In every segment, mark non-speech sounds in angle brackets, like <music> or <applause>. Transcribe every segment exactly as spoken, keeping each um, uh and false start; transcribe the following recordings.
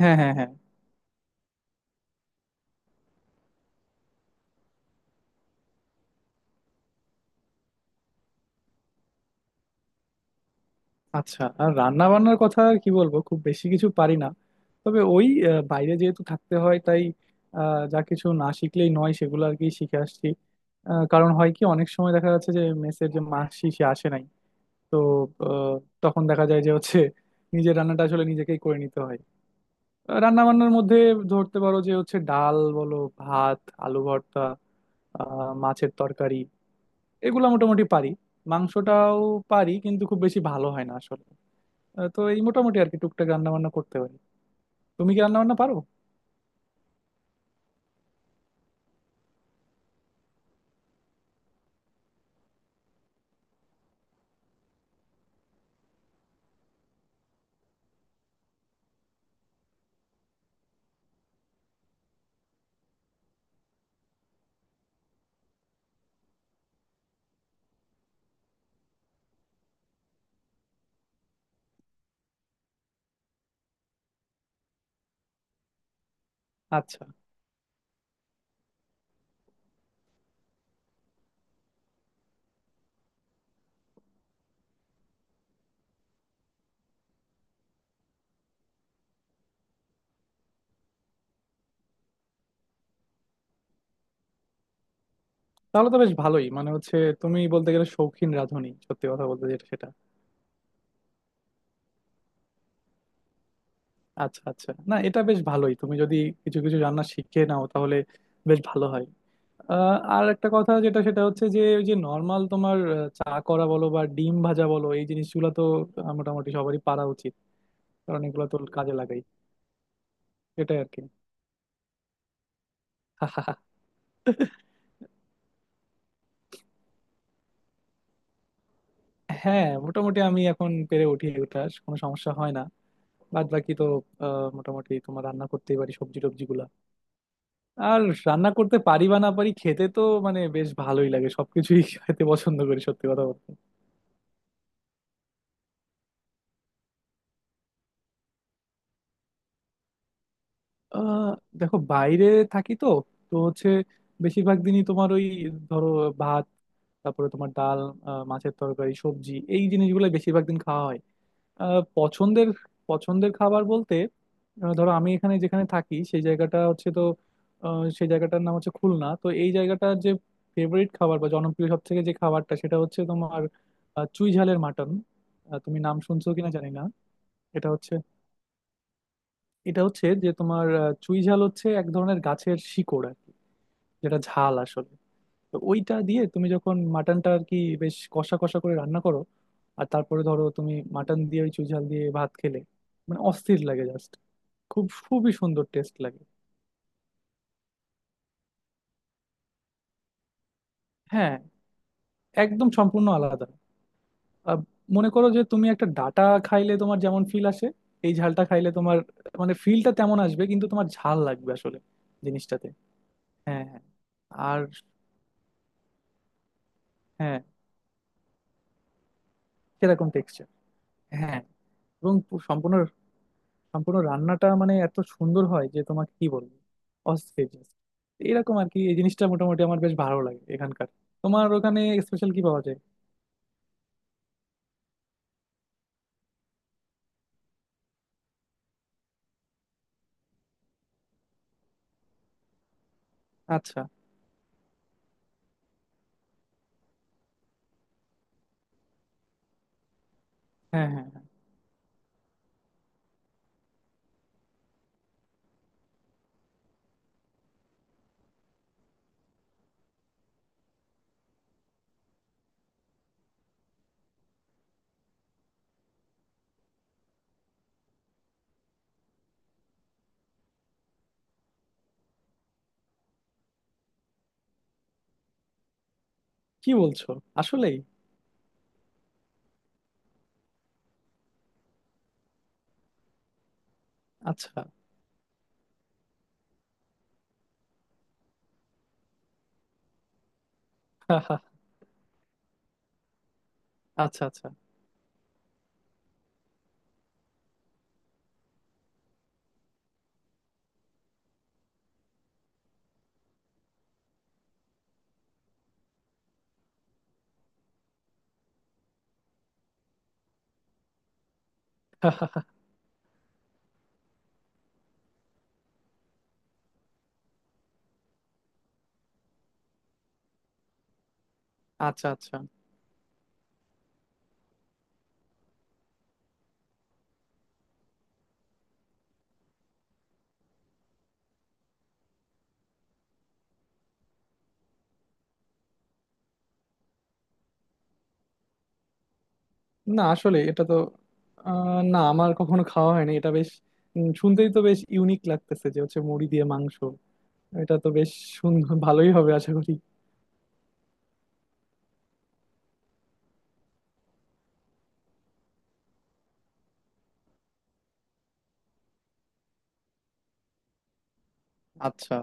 হ্যাঁ, হ্যাঁ, হ্যাঁ। আচ্ছা, আর রান্না বান্নার কথা আর কি বলবো, খুব বেশি কিছু পারি না। তবে ওই আহ, বাইরে যেহেতু থাকতে হয়, তাই আহ, যা কিছু না শিখলেই নয় সেগুলো আর কি শিখে আসছি। আহ, কারণ হয় কি, অনেক সময় দেখা যাচ্ছে যে মেসের যে মাসি সে আসে নাই। তো আহ, তখন দেখা যায় যে হচ্ছে <laughs> নিজের রান্নাটা আসলে নিজেকেই করে নিতে হয়। রান্না বান্নার মধ্যে ধরতে পারো যে হচ্ছে ডাল বলো, ভাত, আলু ভর্তা, আহ, মাছের তরকারি, এগুলো মোটামুটি পারি। মাংসটাও পারি, কিন্তু খুব বেশি ভালো হয় না আসলে। আহ, তো এই মোটামুটি আর কি টুকটাক রান্না বান্না করতে পারি। তুমি কি রান্না বান্না পারো? আচ্ছা, তাহলে তো বেশ ভালোই মানে হচ্ছে, তুমি বলতে গেলে শৌখিন রাঁধুনি, সত্যি কথা বলতে যেটা সেটা। আচ্ছা আচ্ছা, না এটা বেশ ভালোই, তুমি যদি কিছু কিছু রান্না শিখে নাও তাহলে বেশ ভালো হয়। আহ, আর একটা কথা যেটা সেটা হচ্ছে যে, ওই যে নর্মাল তোমার আহ, চা করা বলো বা ডিম ভাজা বলো, এই জিনিসগুলো তো আহ, মোটামুটি সবারই পারা উচিত, কারণ এগুলো তো কাজে লাগাই। এটাই আর কি। হ্যাঁ, মোটামুটি আমি এখন পেরে উঠি ওটা, কোনো সমস্যা হয় না। বাদ বাকি তো আহ, মোটামুটি তোমার রান্না করতেই পারি, সবজি টবজি গুলা। আর রান্না করতে পারি বা না পারি, খেতে তো মানে বেশ ভালোই লাগে সবকিছুই <laughs> খেতে পছন্দ করি, সত্যি কথা বলতে। আহ দেখো, বাইরে থাকি তো, তো হচ্ছে বেশিরভাগ দিনই তোমার ওই, ধরো, ভাত, তারপরে তোমার ডাল, আহ, মাছের তরকারি, সবজি, এই জিনিসগুলো বেশিরভাগ দিন খাওয়া হয়। আহ, পছন্দের, পছন্দের খাবার বলতে, আহ, ধরো আমি এখানে যেখানে থাকি সেই জায়গাটা হচ্ছে তো, আহ, সেই জায়গাটার নাম হচ্ছে খুলনা। তো এই জায়গাটার যে ফেভারিট খাবার বা জনপ্রিয় সব থেকে যে খাবারটা সেটা হচ্ছে তোমার আহ, চুই ঝালের মাটন। তুমি নাম শুনছো কিনা জানি না। এটা হচ্ছে, এটা হচ্ছে যে তোমার আহ, চুই ঝাল হচ্ছে এক ধরনের গাছের শিকড় আর কি, যেটা ঝাল আসলে। তো ওইটা দিয়ে তুমি যখন মাটনটা আর কি বেশ কষা কষা করে রান্না করো, আর তারপরে ধরো তুমি মাটন দিয়ে ওই চুই ঝাল দিয়ে ভাত খেলে, মানে অস্থির লাগে জাস্ট। খুব খুবই সুন্দর টেস্ট লাগে। হ্যাঁ, একদম সম্পূর্ণ আলাদা। আহ, মনে করো যে তুমি একটা ডাটা খাইলে তোমার যেমন ফিল আসে, এই ঝালটা খাইলে তোমার মানে ফিলটা তেমন আসবে, কিন্তু তোমার ঝাল লাগবে আসলে জিনিসটাতে। হ্যাঁ, হ্যাঁ। আর হ্যাঁ, সেরকম টেক্সচার। হ্যাঁ, এবং পু- সম্পূর্ণ, সম্পূর্ণ রান্নাটা মানে এত সুন্দর হয় যে তোমাকে কি বলবো, অস্থির just। এরকম আর কি, এই জিনিসটা মোটামুটি আমার বেশ ভালো লাগে এখানকার। তোমার ওখানে স্পেশাল কি পাওয়া যায়? আচ্ছা। হ্যাঁ, হ্যাঁ, হ্যাঁ। কি বলছো, আসলেই? আচ্ছা <laughs> আচ্ছা আচ্ছা। আচ্ছা আচ্ছা, না আসলে এটা তো আহ, না, আমার কখনো খাওয়া হয়নি। এটা বেশ উম, শুনতেই তো বেশ ইউনিক লাগতেছে যে হচ্ছে মুড়ি দিয়ে মাংস। এটা তো বেশ সুন্দর <laughs> ভালোই হবে আশা করি। আচ্ছা।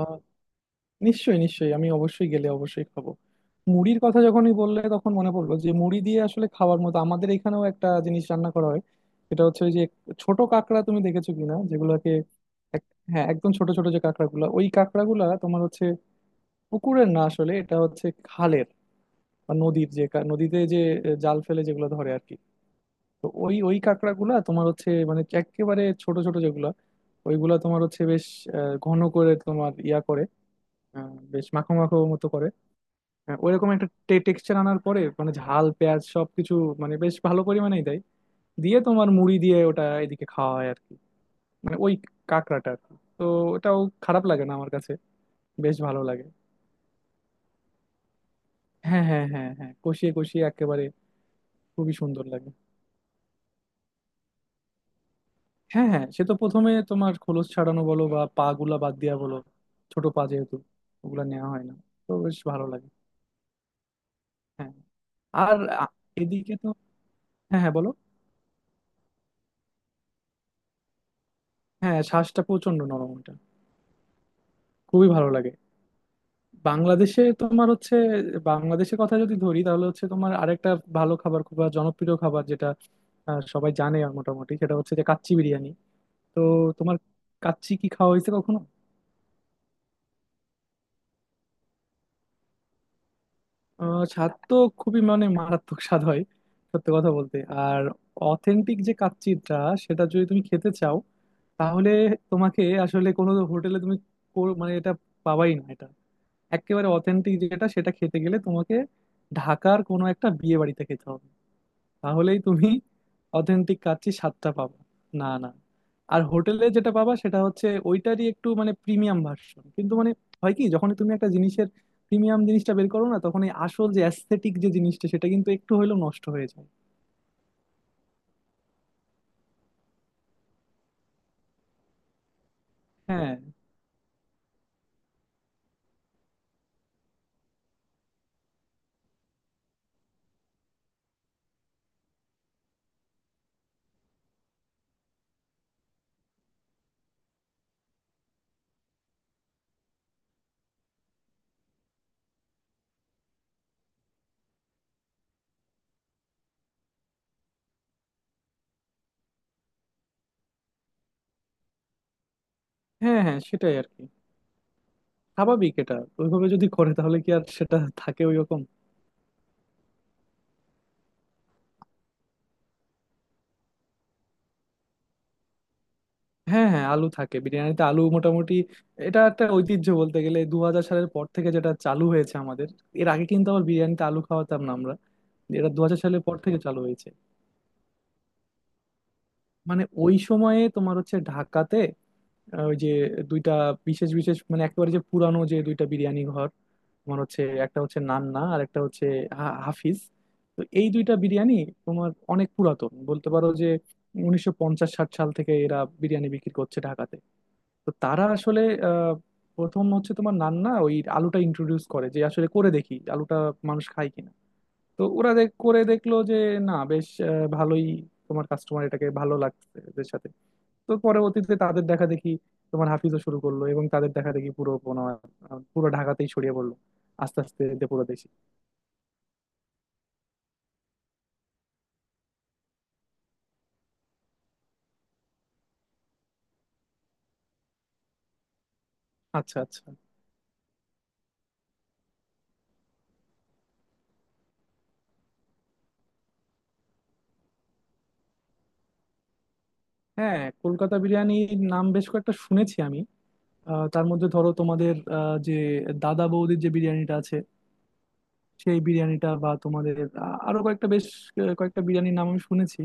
আহ, নিশ্চয়ই নিশ্চয়ই, আমি অবশ্যই গেলে অবশ্যই খাবো। মুড়ির কথা যখনই বললে তখন মনে পড়লো যে, মুড়ি দিয়ে আসলে খাওয়ার মতো আমাদের এখানেও একটা জিনিস রান্না করা হয়। এটা হচ্ছে ওই যে ছোট কাঁকড়া, তুমি দেখেছো কিনা যেগুলোকে। এক- হ্যাঁ, একদম ছোট ছোট যে কাঁকড়াগুলো, ওই কাঁকড়াগুলা তোমার হচ্ছে পুকুরের না, আসলে এটা হচ্ছে খালের বা নদীর যে কা- নদীতে যে আহ, জাল ফেলে যেগুলো ধরে আর কি। তো ওই ওই কাঁকড়াগুলা তোমার হচ্ছে মানে একেবারে ছোট ছোট যেগুলা, ওইগুলা তোমার হচ্ছে বেশ আহ, ঘন করে তোমার ইয়া করে, আহ, বেশ মাখো মাখো মতো করে, আহ, ওইরকম একটা টেক্সচার আনার পরে, মানে ঝাল, পেঁয়াজ, সবকিছু মানে বেশ ভালো পরিমাণেই দেয়। দিয়ে তোমার মুড়ি দিয়ে ওটা এদিকে খাওয়া হয় আর কি, মানে ওই কাঁকড়াটা আর কি। তো ওটাও খারাপ লাগে না আমার কাছে, বেশ ভালো লাগে। হ্যাঁ হ্যাঁ হ্যাঁ, হ্যাঁ কষিয়ে কষিয়ে একেবারে খুবই সুন্দর লাগে। হ্যাঁ হ্যাঁ, সে তো প্রথমে তোমার খোলস ছাড়ানো বলো বা পা গুলা বাদ দেওয়া বলো, ছোট পা যেহেতু ওগুলা নেওয়া হয় না। তো বেশ ভালো লাগে। হ্যাঁ। আর আ- এদিকে তো, হ্যাঁ হ্যাঁ বলো। হ্যাঁ, শ্বাসটা প্রচন্ড নরম ওটা, খুবই ভালো লাগে। বাংলাদেশে তোমার হচ্ছে, বাংলাদেশের কথা যদি ধরি তাহলে হচ্ছে তোমার আরেকটা ভালো খাবার, খুব জনপ্রিয় খাবার যেটা আহ, সবাই জানে মোটামুটি, সেটা হচ্ছে যে কাচ্চি বিরিয়ানি। তো তোমার কাচ্চি কি খাওয়া হয়েছে কখনো? আহ, স্বাদ তো খুবই মানে মারাত্মক স্বাদ হয়, সত্যি কথা বলতে। আর অথেন্টিক যে কাচ্চিটা, সেটা যদি তুমি খেতে চাও তাহলে তোমাকে আসলে কোনো হোটেলে তুমি কো- মানে এটা পাবাই না এটা। একেবারে অথেন্টিক যেটা সেটা খেতে গেলে তোমাকে ঢাকার কোনো একটা বিয়ে বাড়িতে খেতে হবে, তাহলেই তুমি অথেন্টিক কাচ্চি স্বাদটা পাবা। না না। আর হোটেলে যেটা পাবা সেটা হচ্ছে ওইটারই একটু মানে প্রিমিয়াম ভার্সন, কিন্তু মানে হয় কি, যখন তুমি একটা জিনিসের প্রিমিয়াম জিনিসটা বের করো না, তখন এই আসল যে অ্যাস্থেটিক যে জিনিসটা সেটা কিন্তু একটু হইলেও নষ্ট হয়ে যায়। হ্যাঁ হ্যাঁ হ্যাঁ, সেটাই আর কি, স্বাভাবিক এটা। ওইভাবে যদি করে তাহলে কি আর সেটা থাকে ওই। হ্যাঁ হ্যাঁ, আলু থাকে বিরিয়ানিতে, আলু মোটামুটি এটা একটা ঐতিহ্য বলতে গেলে। দু হাজার সালের পর থেকে যেটা চালু হয়েছে আমাদের। এর আগে কিন্তু আবার বিরিয়ানিতে আলু খাওয়াতাম না আমরা। এটা দু হাজার সালের পর থেকে চালু হয়েছে। মানে ওই সময়ে তোমার হচ্ছে ঢাকাতে আহ, ওই যে দুইটা বিশেষ বিশেষ মানে একেবারে যে পুরানো যে দুইটা বিরিয়ানি ঘর তোমার হচ্ছে, একটা হচ্ছে নান্না আর একটা হচ্ছে হা- হাফিজ। তো এই দুইটা বিরিয়ানি তোমার অনেক পুরাতন বলতে পারো যে, উনিশশো পঞ্চাশ ষাট সাল থেকে এরা বিরিয়ানি বিক্রি করছে ঢাকাতে। তো তারা আসলে আহ, প্রথম হচ্ছে তোমার নান্না ওই আলুটা ইন্ট্রোডিউস করে, যে আসলে করে দেখি আলুটা মানুষ খায় কিনা। তো ওরা দেখ- করে দেখলো যে না, বেশ আহ, ভালোই তোমার কাস্টমার এটাকে ভালো লাগছে এদের সাথে। তো পরবর্তীতে তাদের দেখা দেখি তোমার হাফিজও শুরু করলো, এবং তাদের দেখা দেখি পুরো তোমার আহ, পুরো ঢাকাতেই ছড়িয়ে পড়লো, আস্তে আস্তে যে পুরো দেশে। আচ্ছা আচ্ছা। হ্যাঁ, কলকাতা বিরিয়ানির নাম বেশ কয়েকটা শুনেছি আমি। আহ, তার মধ্যে ধরো তোমাদের আহ, যে দাদা বৌদির যে বিরিয়ানিটা আছে, সেই বিরিয়ানিটা বা তোমাদের আ- আরো কয়েকটা বেশ আহ, কয়েকটা বিরিয়ানির নাম আমি শুনেছি।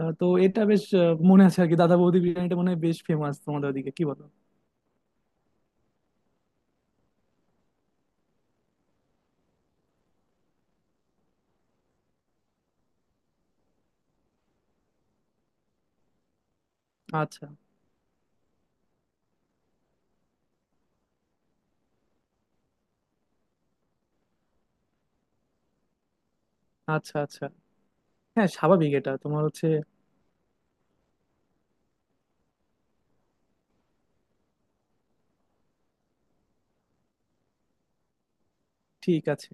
আহ, তো এটা বেশ আহ, মনে আছে আর কি, দাদা বৌদি বিরিয়ানিটা মনে হয় বেশ ফেমাস তোমাদের ওদিকে কি বলো? আচ্ছা আচ্ছা আচ্ছা। হ্যাঁ, স্বাভাবিক এটা তোমার হচ্ছে। ঠিক আছে।